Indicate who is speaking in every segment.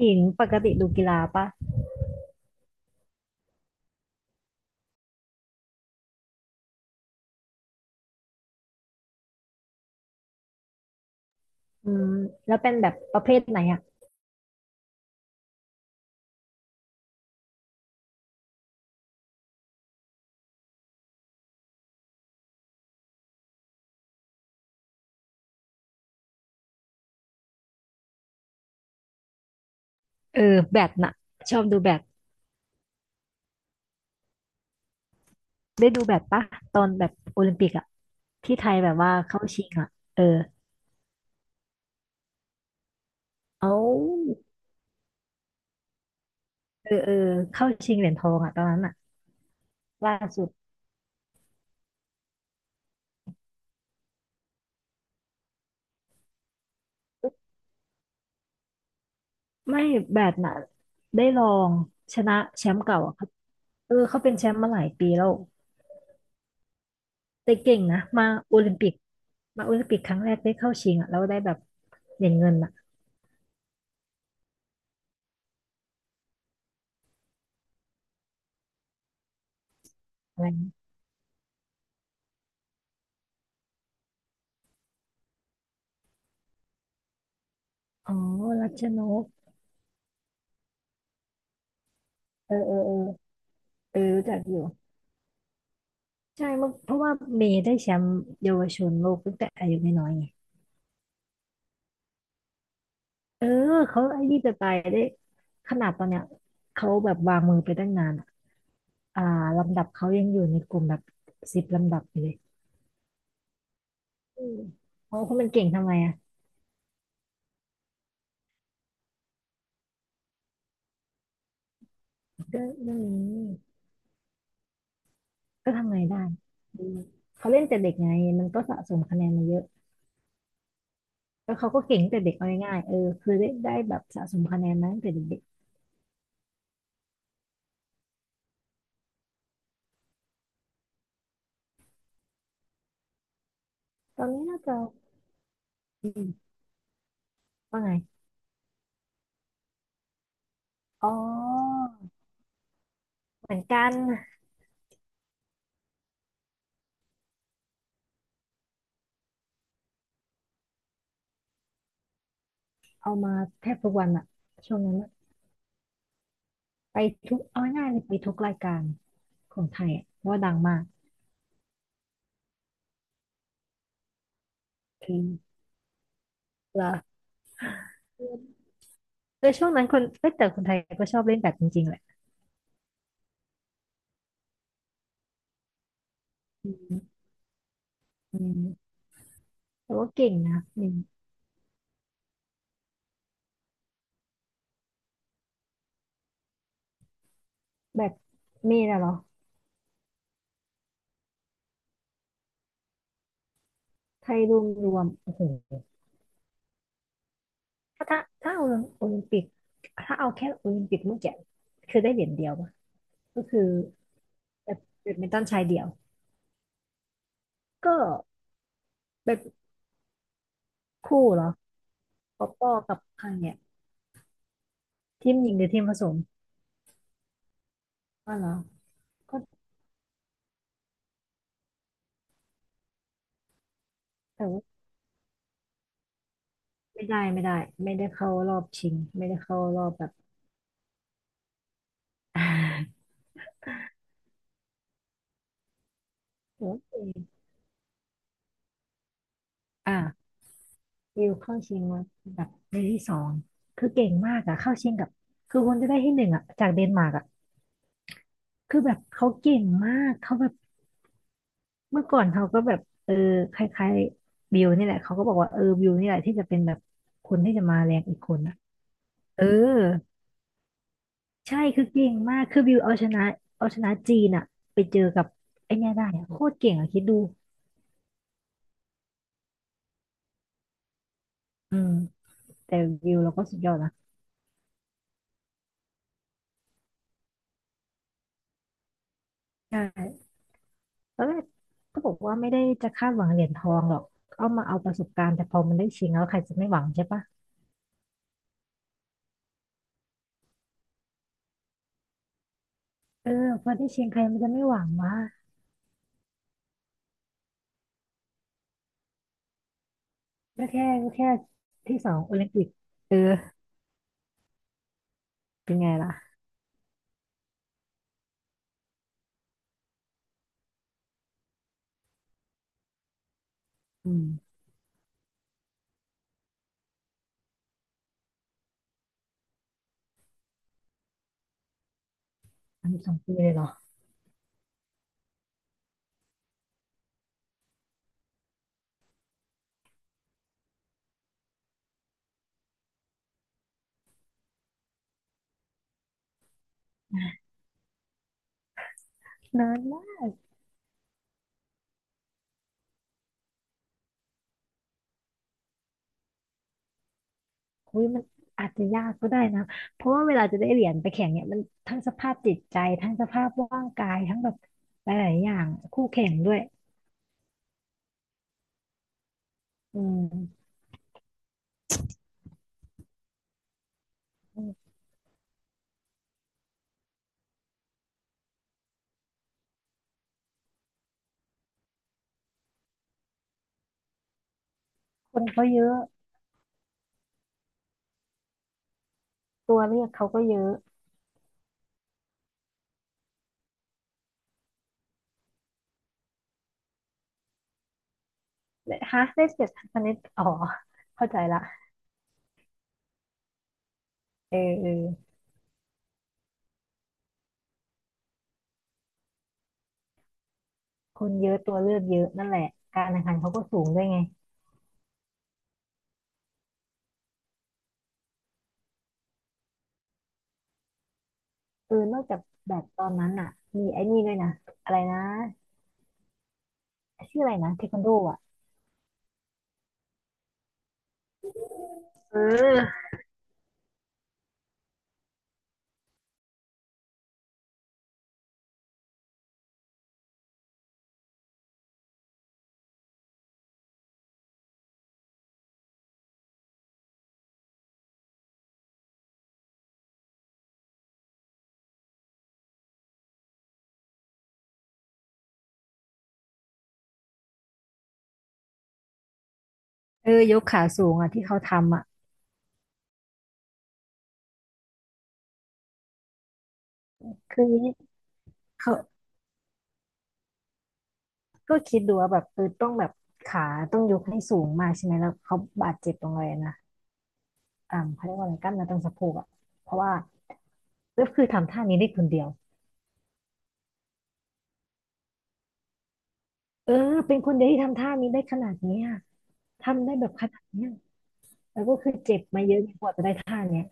Speaker 1: จริงปกติดูกีฬาปะอืมแล้วเป็นแบบประเภทไหนอ่ะเออแบดน่ะชอบดูแบดได้ดูแบดปะตอนแบบโอลิมปิกอ่ะที่ไทยแบบว่าเข้าชิงอ่ะเออเอาเออเออเข้าชิงเหรียญทองอ่ะตอนนั้นอ่ะล่าสุดไม่แบดน่ะได้ลองชนะแชมป์เก่าอ่ะครับเออเขาเป็นแชมป์มาหลายปีแล้วแต่เก่งนะมาโอลิมปิกมาโอลิมปิกครั้งแรกได้เข้าชิงอ่ะแล้วได้แบบเหรียญเงินอ่ะอะไรนะอ๋อรัชนกเออเออเออ เออรู้จักอยู่ใช่เมื่อเพราะว่าเมย์ได้แชมป์เยาวชนโลกตั้งแต่อายุน้อยๆไงเออเขาไอ้นี่จะตายได้ขนาดตอนเนี้ยเขาแบบวางมือไปตั้งนานอะอ่าลำดับเขายังอยู่ในกลุ่มแบบสิบลำดับอยู่เลยอืมเพราะเขามันเก่งทำไมอ่ะก็เรื่องนี้ก็ทำไงได้อืมเขาเล่นแต่เด็กไงมันก็สะสมคะแนนมาเยอะแล้วเขาก็เก่งตั้งแต่เด็กเอาง่ายๆเออคือได้แบบสะสมคะแนนมาตั้งแต่เด็กๆตอนนี้น่าจะอืมว่าไงอ๋อเหมือนกัน เอามาแทบทุกวันอะช่วงนั้นอะไปทุกเอาง่ายๆเลยไปทุกรายการของไทยอะเพราะว่าดังมากคือเหรอแต่ช่วงนั้นคนเอ้ยแต่คนไทยก็ชอบเล่นแบดจริงๆแหละอืมอืมแต่ว่าเก่งนะอืมแบบมีนะเหรอไทยรวมโอ้โหถ้าเอาโอลิมปิกถ้าเอาแค่โอลิมปิกเมื่อกี้คือได้เหรียญเดียวปะก็คือแบบแบดมินตันชายเดี่ยวก็แบบคู่เหรอปอปอกับใครเนี่ยทีมหญิงหรือทีมผสมอ๋อเหรอก็แต่ว่า ไม่ได้ไม่ได้เข้ารอบชิงไม่ได้เข้ารอบแบบ โอเคอ่ะวิวเข้าชิงมาแบบในที่สองคือเก่งมากอะเข้าชิงกับคือคนจะได้ที่หนึ่งอะจากเดนมาร์กอะคือแบบเขาเก่งมากเขาแบบเมื่อก่อนเขาก็แบบเออคล้ายๆวิวนี่แหละเขาก็บอกว่าเออวิวนี่แหละที่จะเป็นแบบคนที่จะมาแรงอีกคนนะเออใช่คือเก่งมากคือวิวเอาชนะเอาชนะจีนอะไปเจอกับไอเนี่ยได้อะโคตรเก่งอะคิดดูอืม แต่วิวเราก็สุดยอดนะใช่ตอนแรกก็บอกว่าไม่ได้จะคาดหวังเหรียญทองหรอกเอามาเอาประสบการณ์แต่พอมันได้ชิงแล้วใครจะไม่หวังใช่ปะเออพอได้ชิงใครมันจะไม่หวังวะก็แค่ที่สองโอลิมปิกเออเป็นไงล่ะอืมทำสบสองปีเลยเหรอนานมากคุยมันอาจจะยากก็ได้นะเพราะว่าเวลาจะได้เหรียญไปแข่งเนี่ยมันทั้งสภาพจิตใจทั้งสภาพร่างกายทั้งแบบหลายๆอย่างคู่แข่งด้วยอืมคนเขาเยอะตัวเลือกเขาก็เยอะ ฮาร์ดเ s สเ s สคณิตอ๋อเข้าใจละเออเออคนเยอะตัวเลือกเยอะนั่นแหละการแข่งขันเขาก็สูงด้วยไงเออนอกจากแบดตอนนั้นอ่ะมีไอ้นี่ด้วยนะอะไรนะชื่ออะไรนะเทควันโดอ่ะเออเออยกขาสูงอ่ะที่เขาทำอ่ะคือเขาก็คิดดูว่าแบบเออต้องแบบขาต้องยกให้สูงมากใช่ไหมแล้วเขาบาดเจ็บตรงเลยนะอ่าเขาเรียกว่าอะไรกล้ามเนื้อตรงสะโพกอ่ะเพราะว่าก็คือทำท่านี้ได้คนเดียวเออเป็นคนเดียวที่ทำท่านี้ได้ขนาดนี้อะ ทำได้แบบขนาดเนี้ยแล้วก็คือเจ็บมาเยอะกว่าจะได้ท่าเนี้ย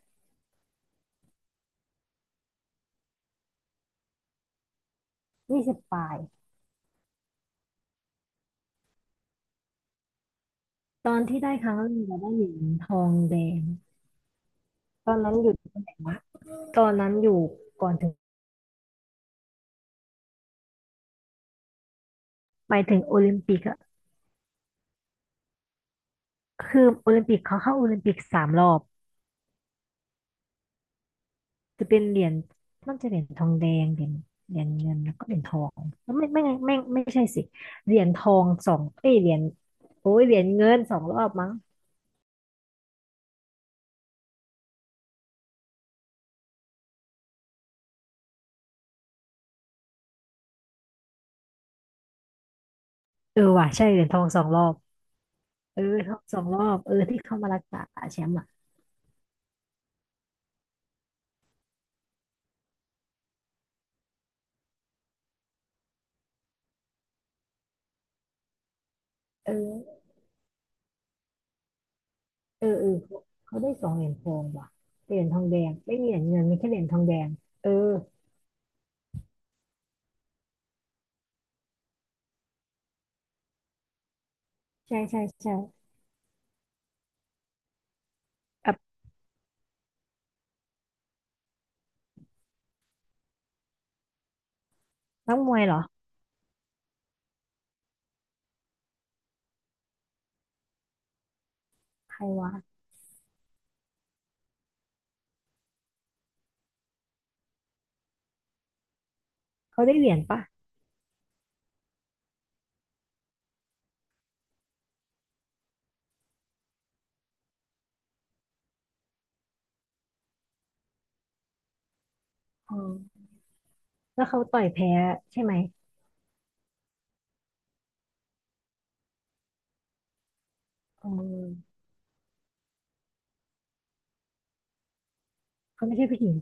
Speaker 1: ยี่สิบปลายตอนที่ได้ครั้งแรกเราได้เหรียญทองแดงตอนนั้นอยู่ตำแหน่งวะตอนนั้นอยู่ก่อนถึงไปถึงโอลิมปิกอะคือโอลิมปิกเขาเข้าโอลิมปิกสามรอบจะเป็นเหรียญน่าจะเหรียญทองแดงเหรียญเหรียญเงินแล้วก็เหรียญทองแล้วไม่ไงไม่ใช่สิเหรียญทองสองเอ้ยเหรียญโอ้ยเหรียญเงินสองรอบมั้งเออว่ะใช่เหรียญทองสองรอบเออทองสองรอบเออที่เข้ามารักษาแชมป์อะ เออเออเออเขาเขาได้สองเหรียญทองว่ะเหรียญทองแดงไม่มีเหรียญเงินมีแค่เหรียญทองแดงเออใช่ ใช่แบบนักมวยเหรอ ใครวะ เขาได้เหรียญปะอ๋อแล้วเขาต่อยแพ้ใช่ไหมอ๋อเขาไม่ใช่ผู้หญิง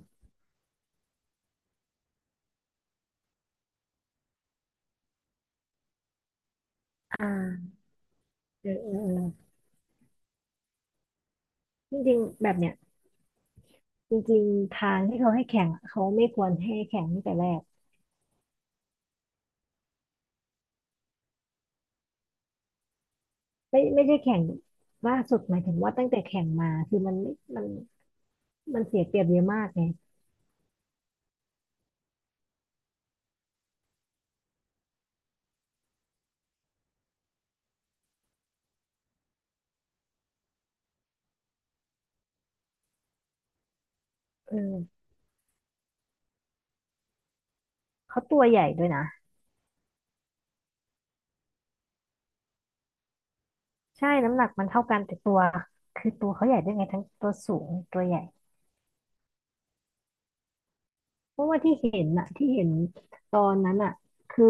Speaker 1: อ่าเออเออเออจริงๆแบบเนี้ยจริงๆทางที่เขาให้แข่งอะเขาไม่ควรให้แข่งตั้งแต่แรกไม่ใช่แข่งล่าสุดหมายถึงว่าตั้งแต่แข่งมาคือมันมันเสียเปรียบเยอะมากไงเออเขาตัวใหญ่ด้วยนะ ใช่น้ำหนักมันเท่ากันแต่ตัวคือตัวเขาใหญ่ด้วยไงทั้งตัวสูงตัวใหญ่เพราะว่าที่เห็นอะที่เห็นตอนนั้นอะคือ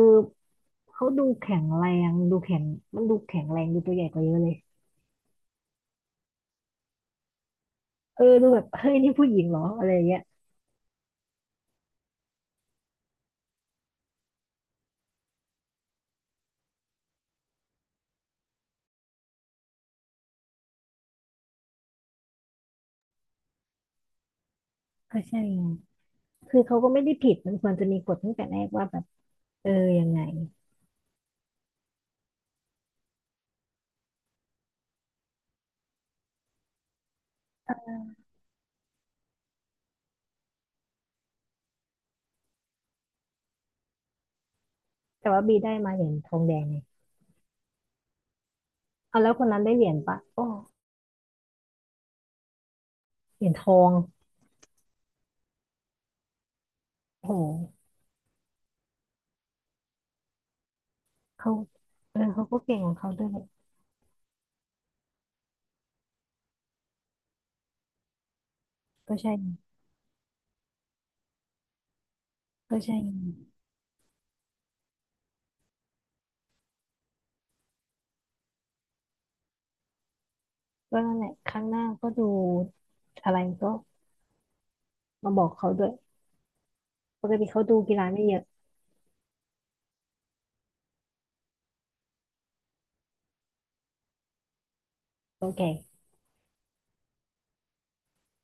Speaker 1: เขาดูแข็งแรงดูแข็งมันดูแข็งแรงดูตัวใหญ่กว่าเยอะเลยเออดูแบบเฮ้ยนี่ผู้หญิงเหรออะไรอย่างเงี้ยก็ใช่ไงคือเขาก็ไม่ได้ผิดมันควรจะมีกฎตั้งแต่แรกว่าแบบเออยังไงแต่ว่าบีได้มาเหรียญทองแดงไงเอาแล้วคนนั้นได้เหรียญปะโอ้เหรียญทองโอ้โหเขาเออเขาก็เก่งของเขาด้วยก็ใช่ก็ใช่ ก็นั่นแหละครั้งหน้าก็ดูอะไรก็มาบอกเขาด้วยปกติเขาดูกีฬาไม่เยอะเขาแก่